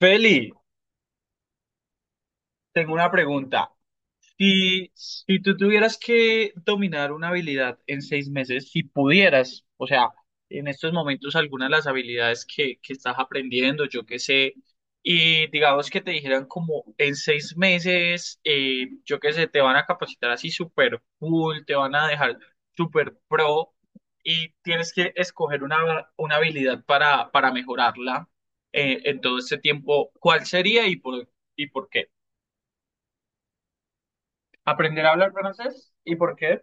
Feli, tengo una pregunta. Si tú tuvieras que dominar una habilidad en 6 meses, si pudieras, o sea, en estos momentos algunas de las habilidades que estás aprendiendo, yo qué sé, y digamos que te dijeran como en 6 meses, yo qué sé, te van a capacitar así súper cool, te van a dejar súper pro y tienes que escoger una habilidad para mejorarla en todo este tiempo, ¿cuál sería y por qué? Aprender a hablar francés y por qué.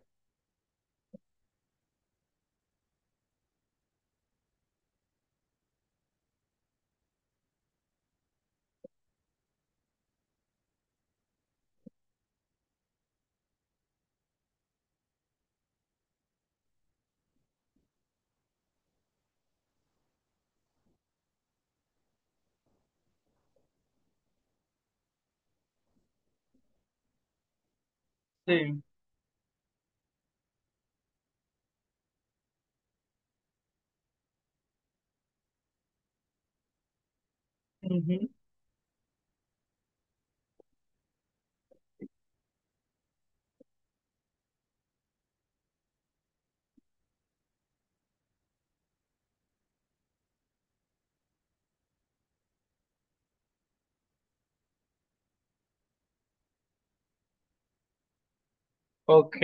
Sí. Ujú. Ok.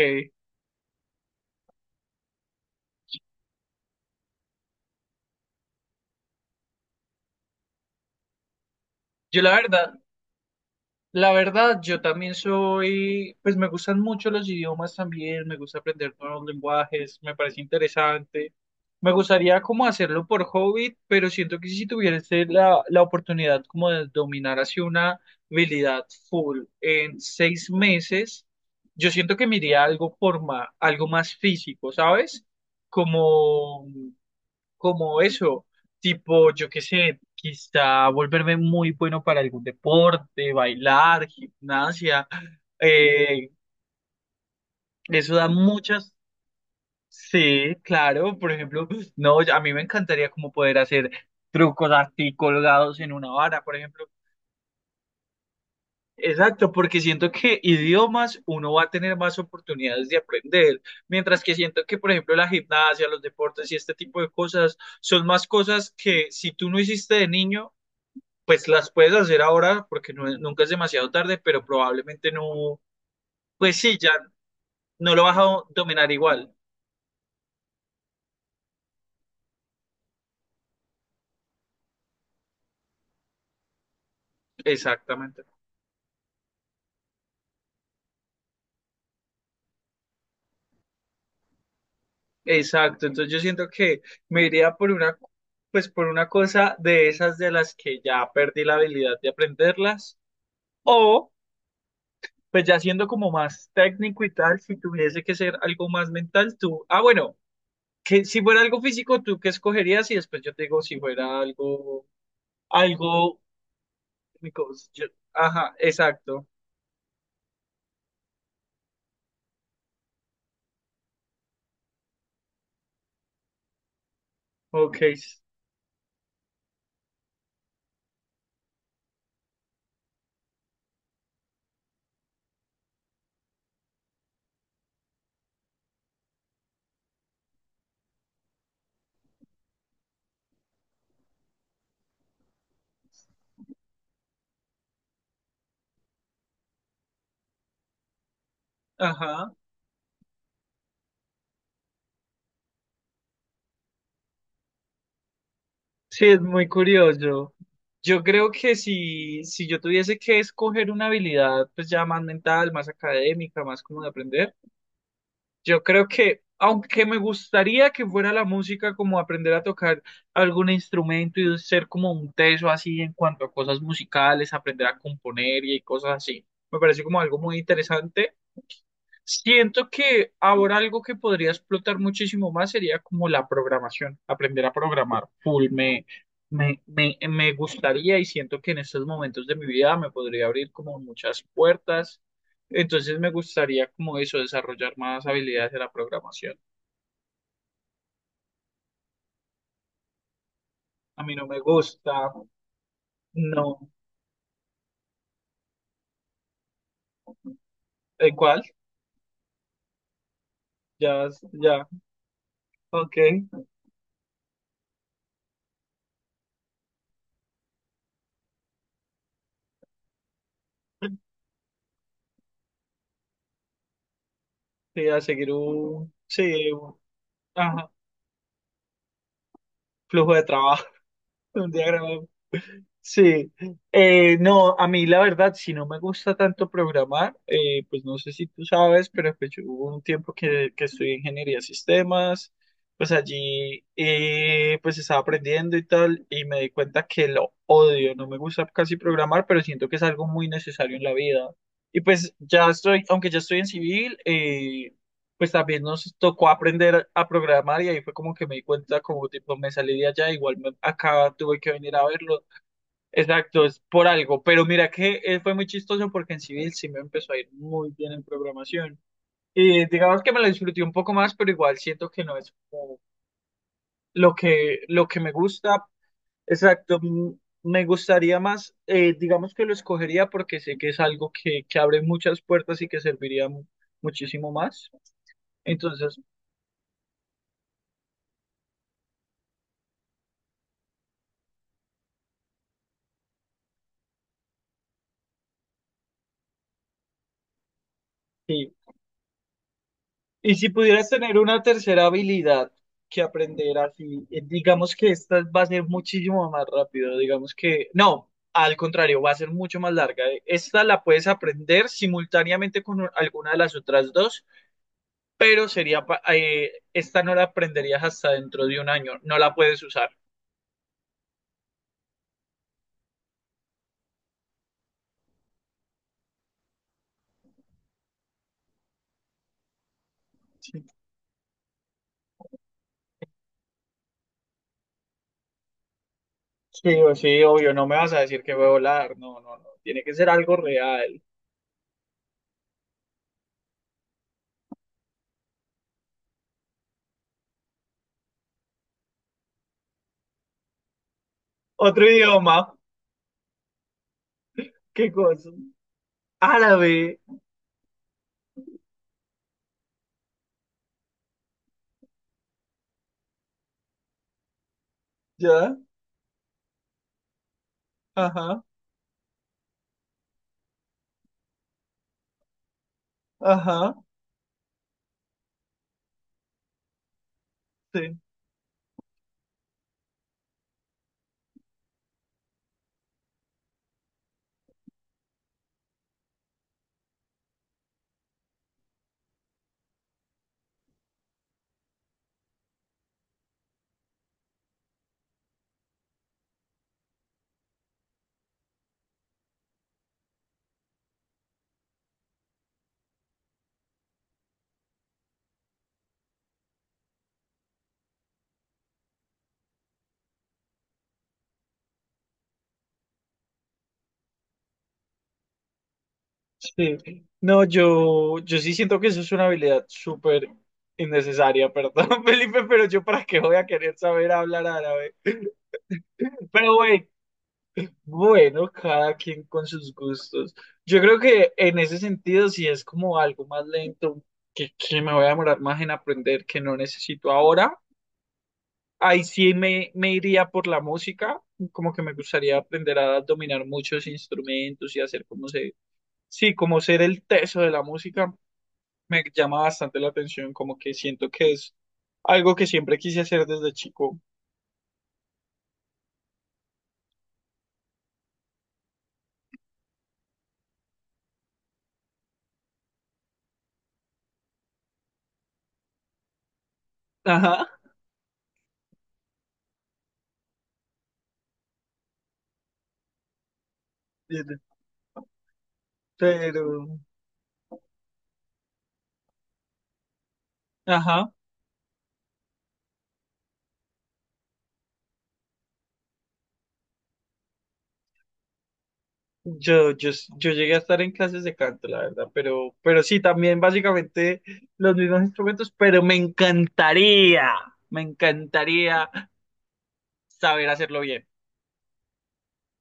Yo la verdad, yo también soy, pues me gustan mucho los idiomas también, me gusta aprender nuevos lenguajes, me parece interesante. Me gustaría como hacerlo por hobby, pero siento que si tuviese la oportunidad como de dominar así una habilidad full en 6 meses, yo siento que me iría a algo algo más físico, ¿sabes? Como como eso, tipo, yo qué sé, quizá volverme muy bueno para algún deporte, bailar, gimnasia, eh, eso da muchas, sí, claro, por ejemplo, no, a mí me encantaría como poder hacer trucos así colgados en una vara, por ejemplo. Exacto, porque siento que idiomas uno va a tener más oportunidades de aprender, mientras que siento que, por ejemplo, la gimnasia, los deportes y este tipo de cosas son más cosas que si tú no hiciste de niño, pues las puedes hacer ahora porque nunca es demasiado tarde, pero probablemente no, pues sí, ya no lo vas a dominar igual. Exactamente. Exacto. Entonces yo siento que me iría por una, pues por una cosa de esas de las que ya perdí la habilidad de aprenderlas, o pues ya siendo como más técnico y tal, si tuviese que ser algo más mental, tú, ah, bueno, que si fuera algo físico, ¿tú qué escogerías? Y después yo te digo si fuera algo, técnico, ajá, exacto. Ok, ajá. Sí, es muy curioso. Yo creo que si yo tuviese que escoger una habilidad, pues ya más mental, más académica, más como de aprender, yo creo que, aunque me gustaría que fuera la música, como aprender a tocar algún instrumento y ser como un teso así en cuanto a cosas musicales, aprender a componer y cosas así. Me parece como algo muy interesante. Siento que ahora algo que podría explotar muchísimo más sería como la programación, aprender a programar full. Me gustaría y siento que en estos momentos de mi vida me podría abrir como muchas puertas. Entonces me gustaría como eso, desarrollar más habilidades de la programación. A mí no me gusta, no. ¿En cuál? Ya, ya, ok. Sí, a seguir un, sí, ajá, flujo de trabajo, un diagrama. Sí, no, a mí la verdad, si no me gusta tanto programar, pues no sé si tú sabes, pero pues yo hubo un tiempo que estudié ingeniería de sistemas, pues allí pues estaba aprendiendo y tal, y me di cuenta que lo odio, no me gusta casi programar, pero siento que es algo muy necesario en la vida. Y pues ya estoy, aunque ya estoy en civil, pues también nos tocó aprender a programar y ahí fue como que me di cuenta, como tipo, me salí de allá, igual acá tuve que venir a verlo. Exacto, es por algo, pero mira que fue muy chistoso porque en civil sí me empezó a ir muy bien en programación. Y digamos que me lo disfruté un poco más, pero igual siento que no es como lo que me gusta. Exacto, mm, me gustaría más, digamos que lo escogería porque sé que es algo que abre muchas puertas y que serviría muchísimo más. Entonces, sí. Y si pudieras tener una tercera habilidad que aprender así, digamos que esta va a ser muchísimo más rápido, digamos que, no, al contrario, va a ser mucho más larga. Esta la puedes aprender simultáneamente con alguna de las otras dos, pero sería, esta no la aprenderías hasta dentro de un año, no la puedes usar. Sí, sí, o sí, obvio, no me vas a decir que voy a volar, no, no, no, tiene que ser algo real. Otro idioma, ¿qué cosa? Árabe, ¿ya? Ajá, ajá. Sí, sí. No, yo sí siento que eso es una habilidad súper innecesaria, perdón, Felipe, pero yo para qué voy a querer saber hablar árabe. Pero güey, bueno, cada quien con sus gustos. Yo creo que en ese sentido, si es como algo más lento, que me voy a demorar más en aprender que no necesito ahora, ahí sí me iría por la música, como que me gustaría aprender a dominar muchos instrumentos y hacer como sí, como ser el teso de la música. Me llama bastante la atención, como que siento que es algo que siempre quise hacer desde chico. Ajá, desde- pero, ajá, yo, yo, yo llegué a estar en clases de canto, la verdad, pero, sí, también básicamente los mismos instrumentos, pero me encantaría saber hacerlo bien.